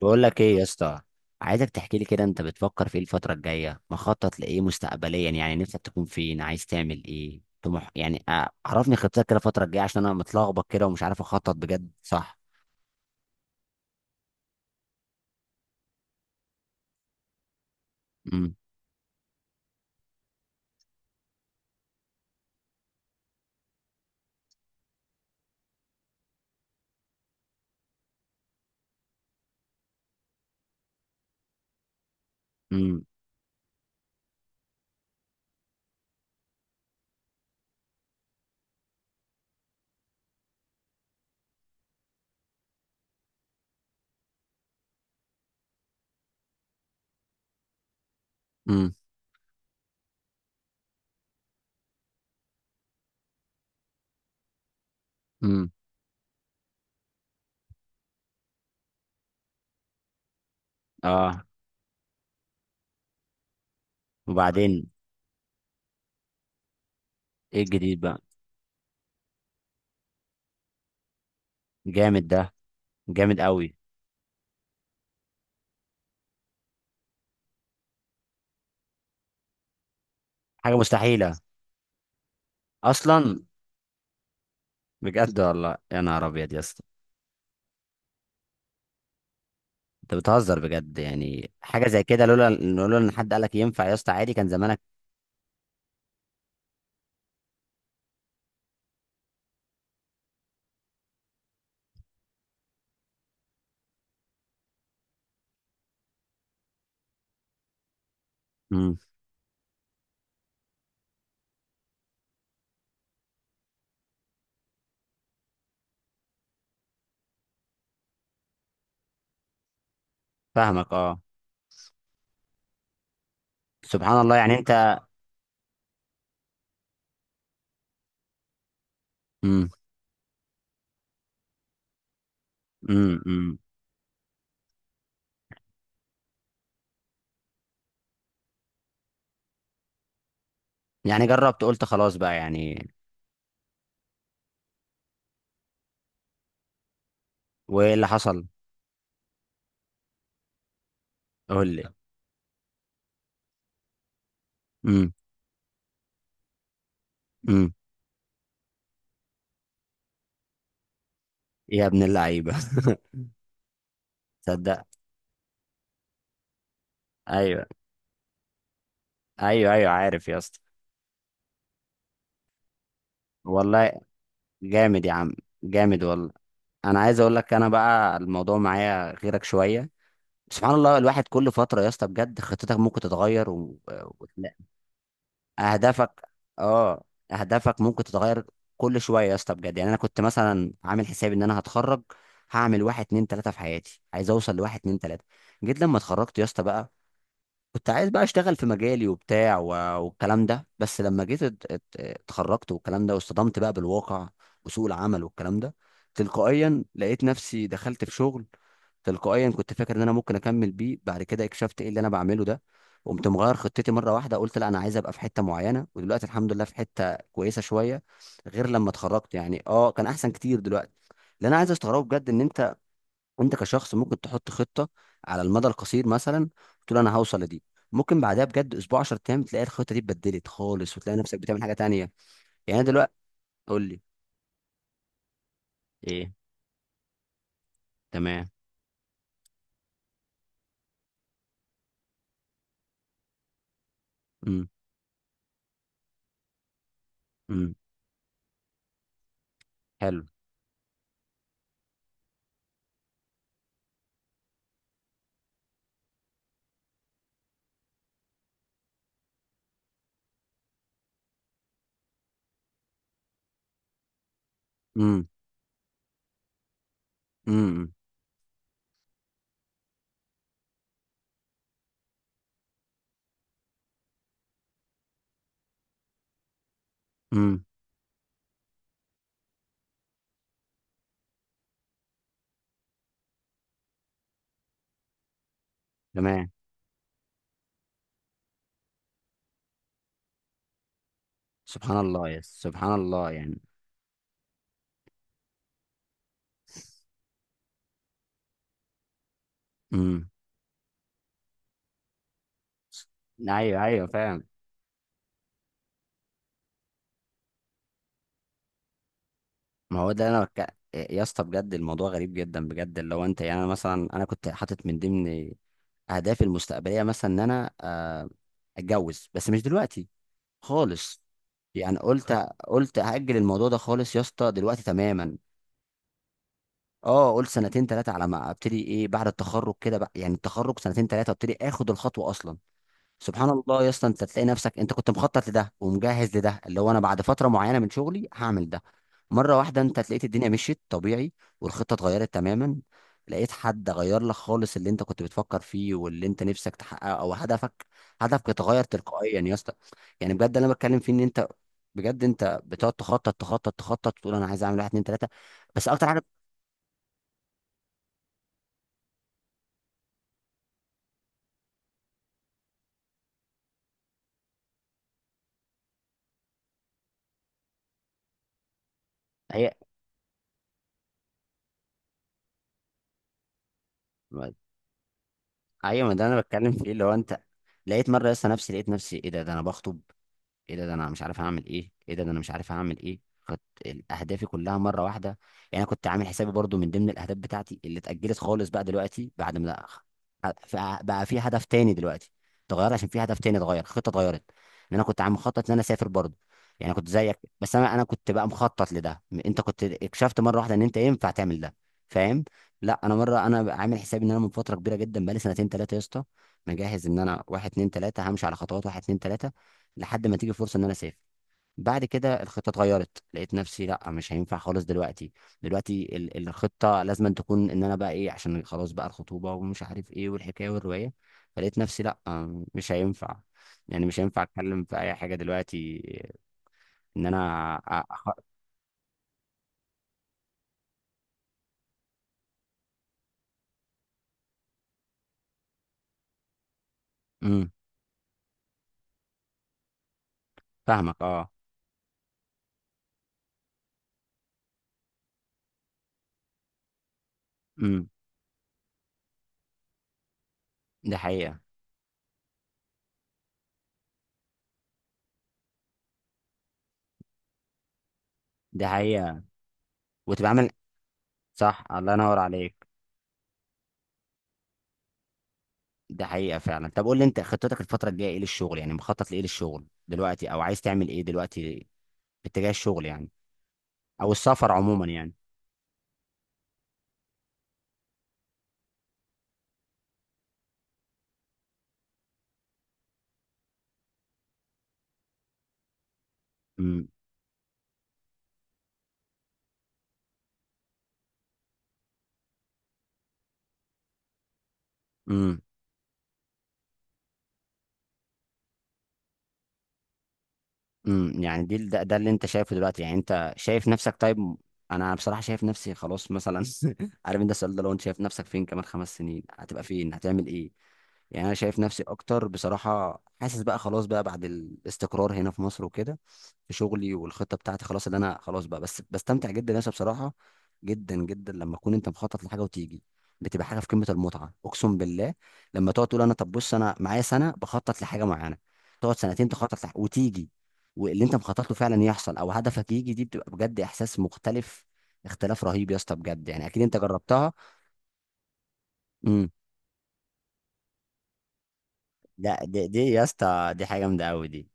بقول لك ايه يا اسطى؟ عايزك تحكي لي كده، انت بتفكر في ايه الفتره الجايه؟ مخطط لايه مستقبليا؟ يعني نفسك تكون فين؟ عايز تعمل ايه؟ طموح يعني. عرفني خطتك كده الفتره الجايه، عشان انا متلخبط كده ومش عارف اخطط بجد، صح؟ امم. امم. امم. امم. اه. وبعدين؟ ايه الجديد بقى؟ جامد ده. جامد قوي. حاجه مستحيله. اصلا. بجد والله يا نهار ابيض يا اسطى. انت بتهزر بجد، يعني حاجه زي كده لولا ان حد قالك ينفع يا اسطى، عادي كان زمانك. امم. فاهمك، اه. سبحان الله، يعني انت. امم. امم. امم. يعني جربت، قلت خلاص بقى يعني. وايه اللي حصل؟ قول لي. امم. امم. يا ابن اللعيبه تصدق؟ ايوه. ايوه، ايوه، عارف يا اسطى. والله. جامد يا عم. جامد والله. انا عايز اقول لك، انا بقى الموضوع معايا غيرك شويه. سبحان الله، الواحد كل فتره يا اسطى بجد خطتك ممكن تتغير و... اهدافك. اه. اهدافك ممكن تتغير كل شويه يا اسطى، بجد يعني. انا كنت مثلا عامل حسابي ان انا هتخرج، هعمل واحد اتنين تلاته في حياتي، عايز اوصل لواحد اتنين تلاته. جيت لما اتخرجت يا اسطى بقى كنت عايز بقى اشتغل في مجالي وبتاع والكلام ده، بس لما جيت اتخرجت والكلام ده، واصطدمت بقى بالواقع وسوق العمل والكلام ده. تلقائيا لقيت نفسي دخلت في شغل، تلقائيا كنت فاكر ان انا ممكن اكمل بيه، بعد كده اكتشفت ايه اللي انا بعمله ده. قمت مغير خطتي مره واحده، قلت لا، انا عايز ابقى في حته معينه، ودلوقتي الحمد لله في حته كويسه شويه، غير لما اتخرجت يعني، اه كان احسن كتير دلوقتي. اللي انا عايز استغربه بجد، ان انت، انت كشخص ممكن تحط خطه على المدى القصير مثلا، تقول انا هوصل لدي، ممكن بعدها بجد اسبوع، 10 ايام، تلاقي الخطه دي اتبدلت خالص، وتلاقي نفسك بتعمل حاجه تانية. يعني أنا دلوقتي. قول لي. ايه. تمام. امم. امم. حلو. امم. امم. امم. تمام. سبحان الله يا اسطى، سبحان الله يعني. امم. ايوه، ايوه، فاهم. ما هو ده انا يا اسطى بجد الموضوع غريب جدا، بجد اللي هو انت، يعني انا مثلا، انا كنت حاطط من ضمن اهدافي المستقبليه مثلا ان انا اتجوز، بس مش دلوقتي خالص، يعني قلت، قلت هاجل الموضوع ده خالص يا اسطى دلوقتي تماما. اه، قلت سنتين ثلاثه على ما ابتدي ايه بعد التخرج كده بقى، يعني التخرج سنتين ثلاثه ابتدي اخد الخطوه اصلا. سبحان الله يا اسطى، انت تلاقي نفسك انت كنت مخطط لده ومجهز لده، اللي هو انا بعد فتره معينه من شغلي هعمل ده، مره واحده انت تلاقيت الدنيا مشيت طبيعي، والخطه اتغيرت تماما، لقيت حد غير لك خالص اللي انت كنت بتفكر فيه واللي انت نفسك تحققه او هدفك، هدفك اتغير تلقائيا يا اسطى. يعني بجد اللي انا بتكلم فيه ان انت، بجد انت بتقعد تخطط تخطط تخطط، تقول انا عايز اعمل واحد اتنين تلاته، بس اكتر حاجه هي. ايوه، ما ده انا بتكلم فيه اللي هو انت. لقيت مره لسه نفسي، لقيت نفسي ايه ده انا بخطب، ايه ده انا مش عارف هعمل ايه، ايه ده انا مش عارف هعمل ايه. كانت اهدافي كلها مره واحده. يعني انا كنت عامل حسابي برضو من ضمن الاهداف بتاعتي اللي اتاجلت خالص بقى دلوقتي، بعد ما بقى في هدف تاني دلوقتي، اتغير عشان في هدف تاني، اتغير، خطه اتغيرت. ان انا كنت عم مخطط ان انا اسافر برضو، يعني كنت زيك، بس انا كنت بقى مخطط لده، انت كنت اكتشفت مره واحده ان انت ينفع تعمل ده، فاهم؟ لا، انا مره، انا عامل حسابي ان انا من فتره كبيره جدا بقالي سنتين ثلاثه يا اسطى، مجهز ان انا واحد اتنين تلاته، همشي على خطوات واحد اتنين تلاته، لحد ما تيجي فرصه ان انا اسافر. بعد كده الخطه اتغيرت، لقيت نفسي لا، مش هينفع خالص دلوقتي، دلوقتي الخطه لازم أن تكون ان انا بقى ايه، عشان خلاص بقى الخطوبه، ومش عارف ايه والحكايه والروايه، فلقيت نفسي لا مش هينفع، يعني مش هينفع اتكلم في اي حاجه دلوقتي، ان انا امم. فاهمك، اه. امم. دي حقيقه. دي حقيقه. وتبقى عامل. صح، الله ينور عليك، ده حقيقة فعلا. طب قول لي، انت خطتك الفترة الجاية ايه للشغل؟ يعني مخطط لايه للشغل دلوقتي، او عايز تعمل ايه دلوقتي باتجاه الشغل يعني، او السفر عموما يعني؟ امم. امم. امم. يعني ده اللي انت شايفه دلوقتي، يعني انت شايف نفسك طيب؟ انا بصراحه شايف نفسي خلاص مثلا عارف انت السؤال ده، لو انت شايف نفسك فين كمان 5 سنين، هتبقى فين؟ هتعمل ايه؟ يعني انا شايف نفسي اكتر بصراحه، حاسس بقى خلاص بقى بعد الاستقرار هنا في مصر وكده في شغلي، والخطه بتاعتي خلاص، اللي انا خلاص بقى، بس بستمتع جدا يا اسطى بصراحه، جدا جدا، لما اكون انت مخطط لحاجه وتيجي، بتبقى حاجه في قمه المتعه، اقسم بالله. لما تقعد تقول انا، طب بص انا معايا سنه بخطط لحاجه معينه، تقعد سنتين تخطط وتيجي، واللي انت مخطط له فعلا يحصل، او هدفك يجي، دي بتبقى بجد احساس مختلف، اختلاف رهيب يا اسطى، بجد يعني اكيد انت جربتها. امم. لا، دي يا اسطى، دي حاجه جامده قوي دي.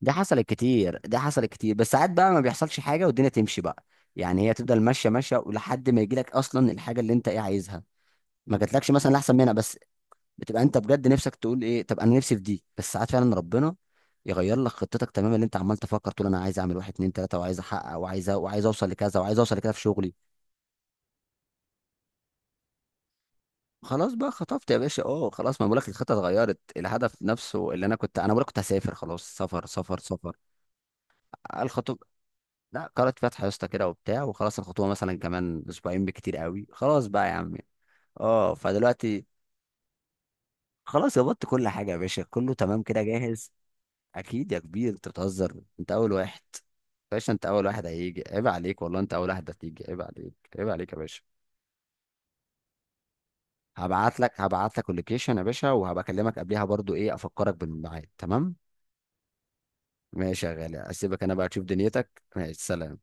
دي حصلت كتير، دي حصلت كتير، بس ساعات بقى ما بيحصلش حاجه والدنيا تمشي بقى، يعني هي تفضل ماشيه ماشيه ولحد ما يجيلك اصلا الحاجه اللي انت ايه عايزها، ما جاتلكش مثلا احسن منها، بس بتبقى انت بجد نفسك تقول ايه، طب انا نفسي في دي، بس ساعات فعلا ربنا يغير لك خطتك تماما، اللي انت عمال تفكر تقول انا عايز اعمل واحد اتنين تلاته، وعايز احقق وعايز اوصل لكذا، وعايز اوصل لكذا في شغلي. خلاص بقى خطفت يا باشا، اه خلاص، ما بقولك الخطه اتغيرت، الهدف نفسه اللي انا كنت انا بقولك كنت هسافر خلاص، سفر سفر سفر. الخطوه. لا، قرأت فاتحة يا اسطى كده وبتاع، وخلاص الخطوبة مثلا كمان أسبوعين بكتير قوي، خلاص بقى يا عم. اه، فدلوقتي خلاص ظبطت كل حاجة يا باشا، كله تمام كده، جاهز. أكيد يا كبير، أنت بتهزر، أنت أول واحد يا باشا، أنت أول واحد هيجي، عيب عليك والله، أنت أول واحد هتيجي، عيب عليك، عيب عليك يا باشا. هبعت لك اللوكيشن يا باشا، وهبقى أكلمك قبليها برضو، إيه، أفكرك بالميعاد، تمام. ماشي يا غالي، أسيبك أنا بقى تشوف دنيتك، ماشي، سلام.